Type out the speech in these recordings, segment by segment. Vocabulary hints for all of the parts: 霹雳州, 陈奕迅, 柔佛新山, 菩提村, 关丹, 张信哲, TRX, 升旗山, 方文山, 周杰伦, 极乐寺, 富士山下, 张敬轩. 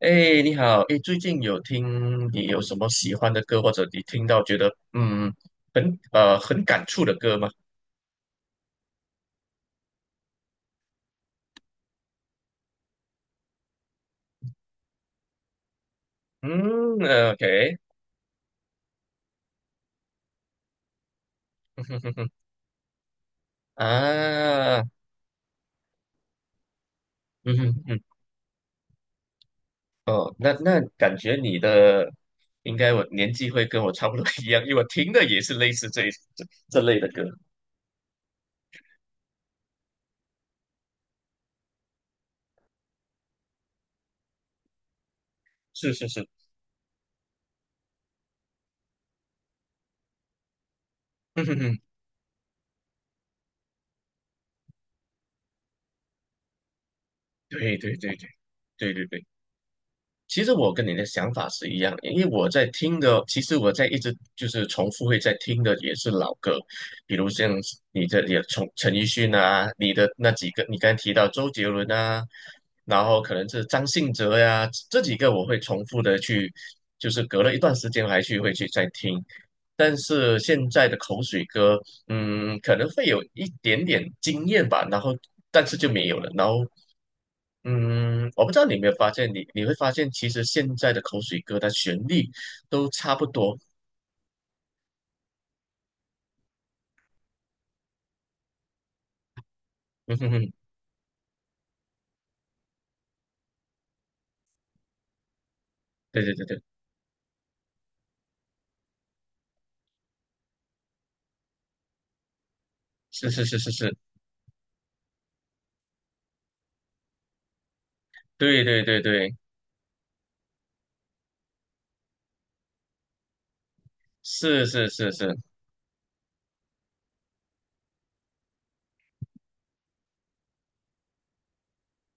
哎，你好，哎，最近有听你有什么喜欢的歌，或者你听到觉得很很感触的歌吗？嗯 o k 啊，嗯哼哼，哦，那感觉你的应该我年纪会跟我差不多一样，因为我听的也是类似这这类的歌，是是是，嗯哼哼，对对对对对对对。其实我跟你的想法是一样的，因为我在听的，其实我在一直就是重复会在听的也是老歌，比如像你的也从陈奕迅啊，你的那几个，你刚才提到周杰伦啊，然后可能是张信哲呀、这几个我会重复的去，就是隔了一段时间还去会去再听，但是现在的口水歌，嗯，可能会有一点点惊艳吧，然后但是就没有了，然后。我不知道你有没有发现，你会发现，其实现在的口水歌的旋律都差不多。嗯哼哼，对对对对，是是是是是，对对对对，是是是是，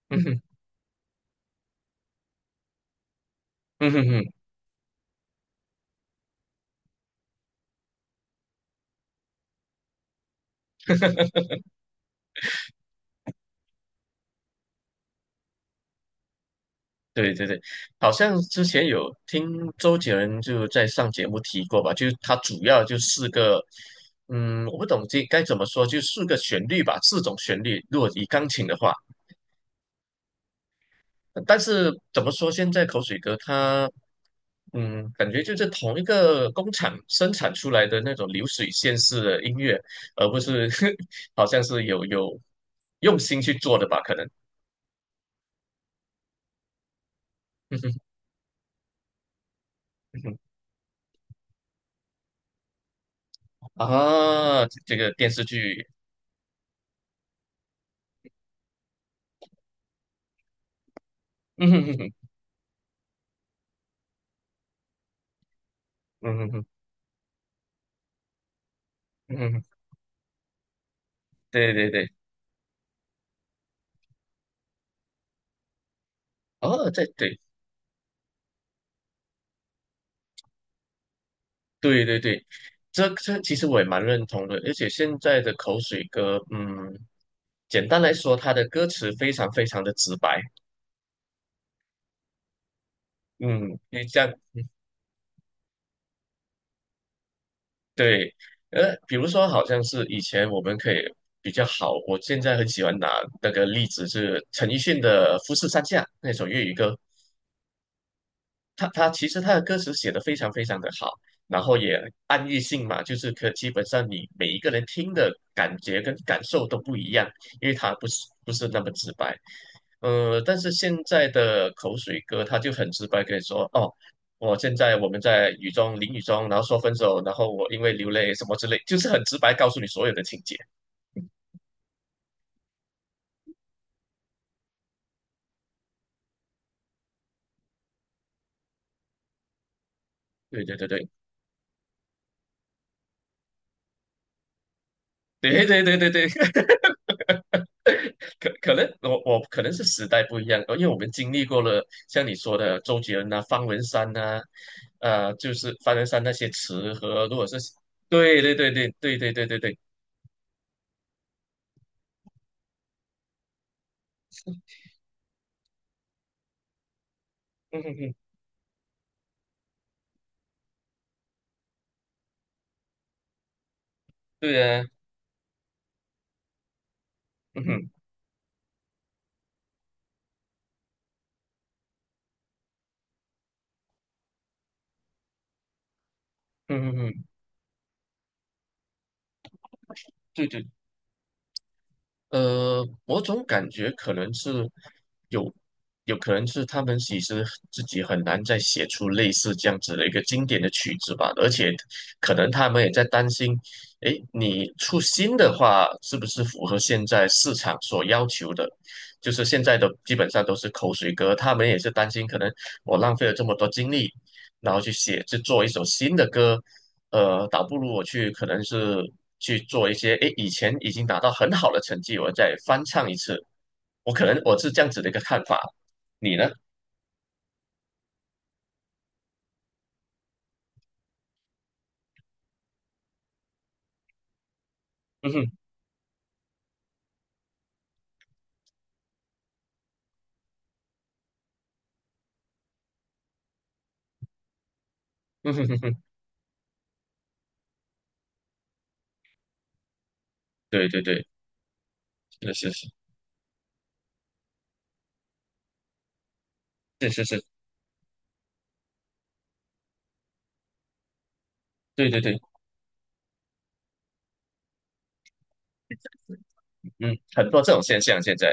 嗯哼嗯哼哼，对对对，好像之前有听周杰伦就在上节目提过吧，就是他主要就四个，我不懂这该怎么说，就四个旋律吧，四种旋律，如果以钢琴的话。但是怎么说，现在口水歌它，感觉就是同一个工厂生产出来的那种流水线式的音乐，而不是 好像是有用心去做的吧？可能嗯哼嗯哼 啊，这这个电视剧，嗯哼哼哼，嗯哼嗯哼，嗯哼对对对，哦，这对，对对对对，这其实我也蛮认同的，而且现在的口水歌，简单来说，它的歌词非常非常的直白。嗯，你这样对，比如说，好像是以前我们可以比较好，我现在很喜欢拿那个例子是陈奕迅的《富士山下》那首粤语歌，他其实他的歌词写的非常非常的好，然后也暗喻性嘛，就是可基本上你每一个人听的感觉跟感受都不一样，因为他不是不是那么直白。但是现在的口水歌，他就很直白跟你说，哦，我现在我们在雨中淋雨中，然后说分手，然后我因为流泪什么之类，就是很直白告诉你所有的情节。对对对对对对对对对，可能我可能是时代不一样，因为我们经历过了像你说的周杰伦啊、方文山呐、就是方文山那些词和，如果是对对对对对对对对对，嗯哼哼，对啊，嗯哼嗯哼哼，对对对。我总感觉可能是有，有可能是他们其实自己很难再写出类似这样子的一个经典的曲子吧，而且可能他们也在担心，诶，你出新的话是不是符合现在市场所要求的？就是现在的基本上都是口水歌，他们也是担心，可能我浪费了这么多精力，然后去写去做一首新的歌，倒不如我去可能是去做一些，诶，以前已经达到很好的成绩，我再翻唱一次，我可能我是这样子的一个看法，你呢？嗯哼，嗯哼哼哼，对对对，是是是是是是，对对对，嗯，很多这种现象现在。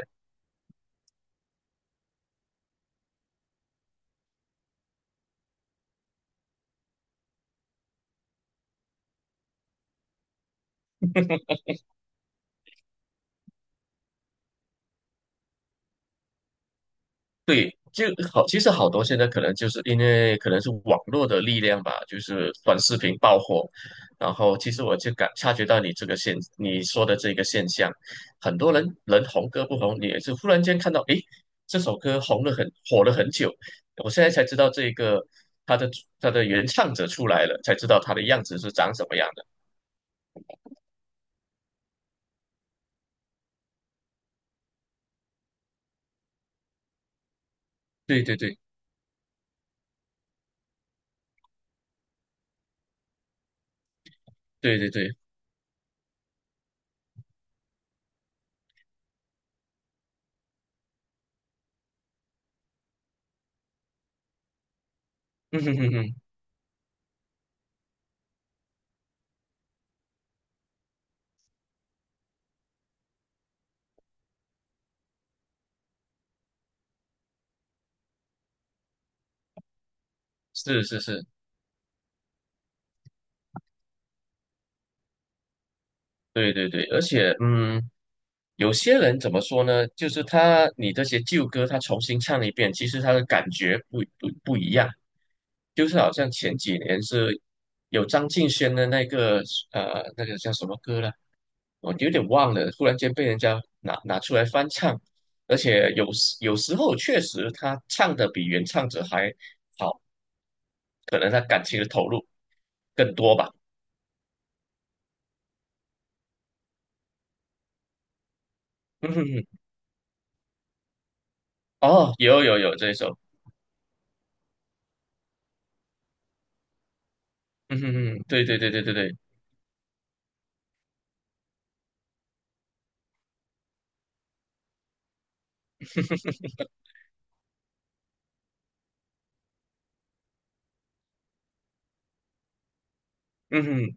对，就好，其实好多现在可能就是因为可能是网络的力量吧，就是短视频爆火，然后其实我就感察觉到你这个现你说的这个现象，很多人人红歌不红，你也是忽然间看到，诶，这首歌红了很火了很久，我现在才知道这个它的它的原唱者出来了，才知道他的样子是长什么样的。对对对对对对，嗯哼哼哼，是是是，对对对，而且嗯。有些人怎么说呢？就是他你这些旧歌，他重新唱一遍，其实他的感觉不一样。就是好像前几年是有张敬轩的那个那个叫什么歌了，我有点忘了，忽然间被人家拿出来翻唱，而且有时候确实他唱的比原唱者还好，可能他感情的投入更多吧。嗯哼哼，哦，有有有这一首，嗯哼哼，对对对对对对，嗯哼，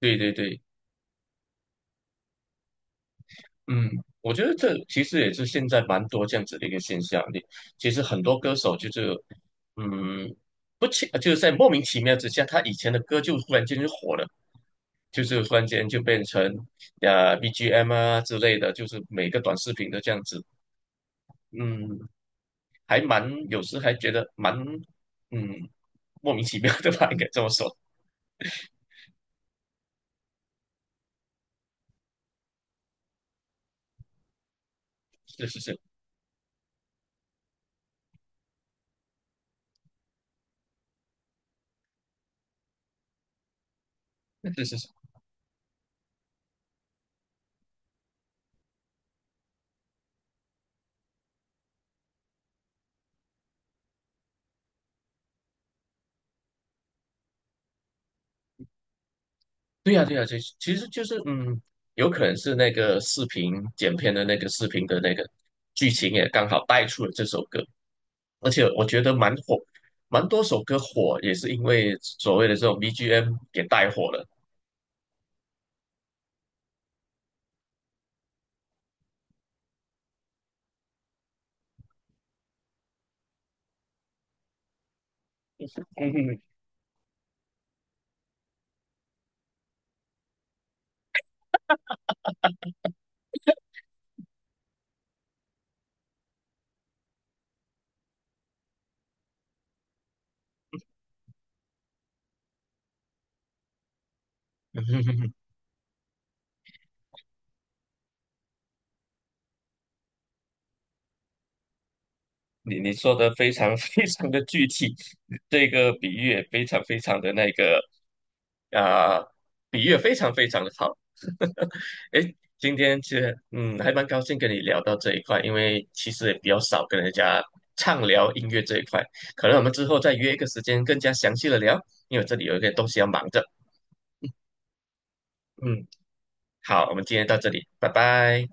对对对。嗯，我觉得这其实也是现在蛮多这样子的一个现象。你其实很多歌手就是，嗯，不清，就是在莫名其妙之下，他以前的歌就忽然间就火了，就是忽然间就变成BGM 啊之类的，就是每个短视频都这样子。嗯，还蛮有时还觉得蛮嗯莫名其妙的吧，应该这么说。是是是是是是。对呀，对呀，其其实就是嗯，有可能是那个视频剪片的那个视频的那个剧情也刚好带出了这首歌，而且我觉得蛮火，蛮多首歌火也是因为所谓的这种 BGM 给带火了。嗯哼哼，你你说的非常 非常的具体，这个比喻也非常非常的那个，啊、比喻也非常非常的好。诶，今天其实还蛮高兴跟你聊到这一块，因为其实也比较少跟人家畅聊音乐这一块，可能我们之后再约一个时间更加详细的聊，因为我这里有一个东西要忙着。嗯，好，我们今天到这里，拜拜。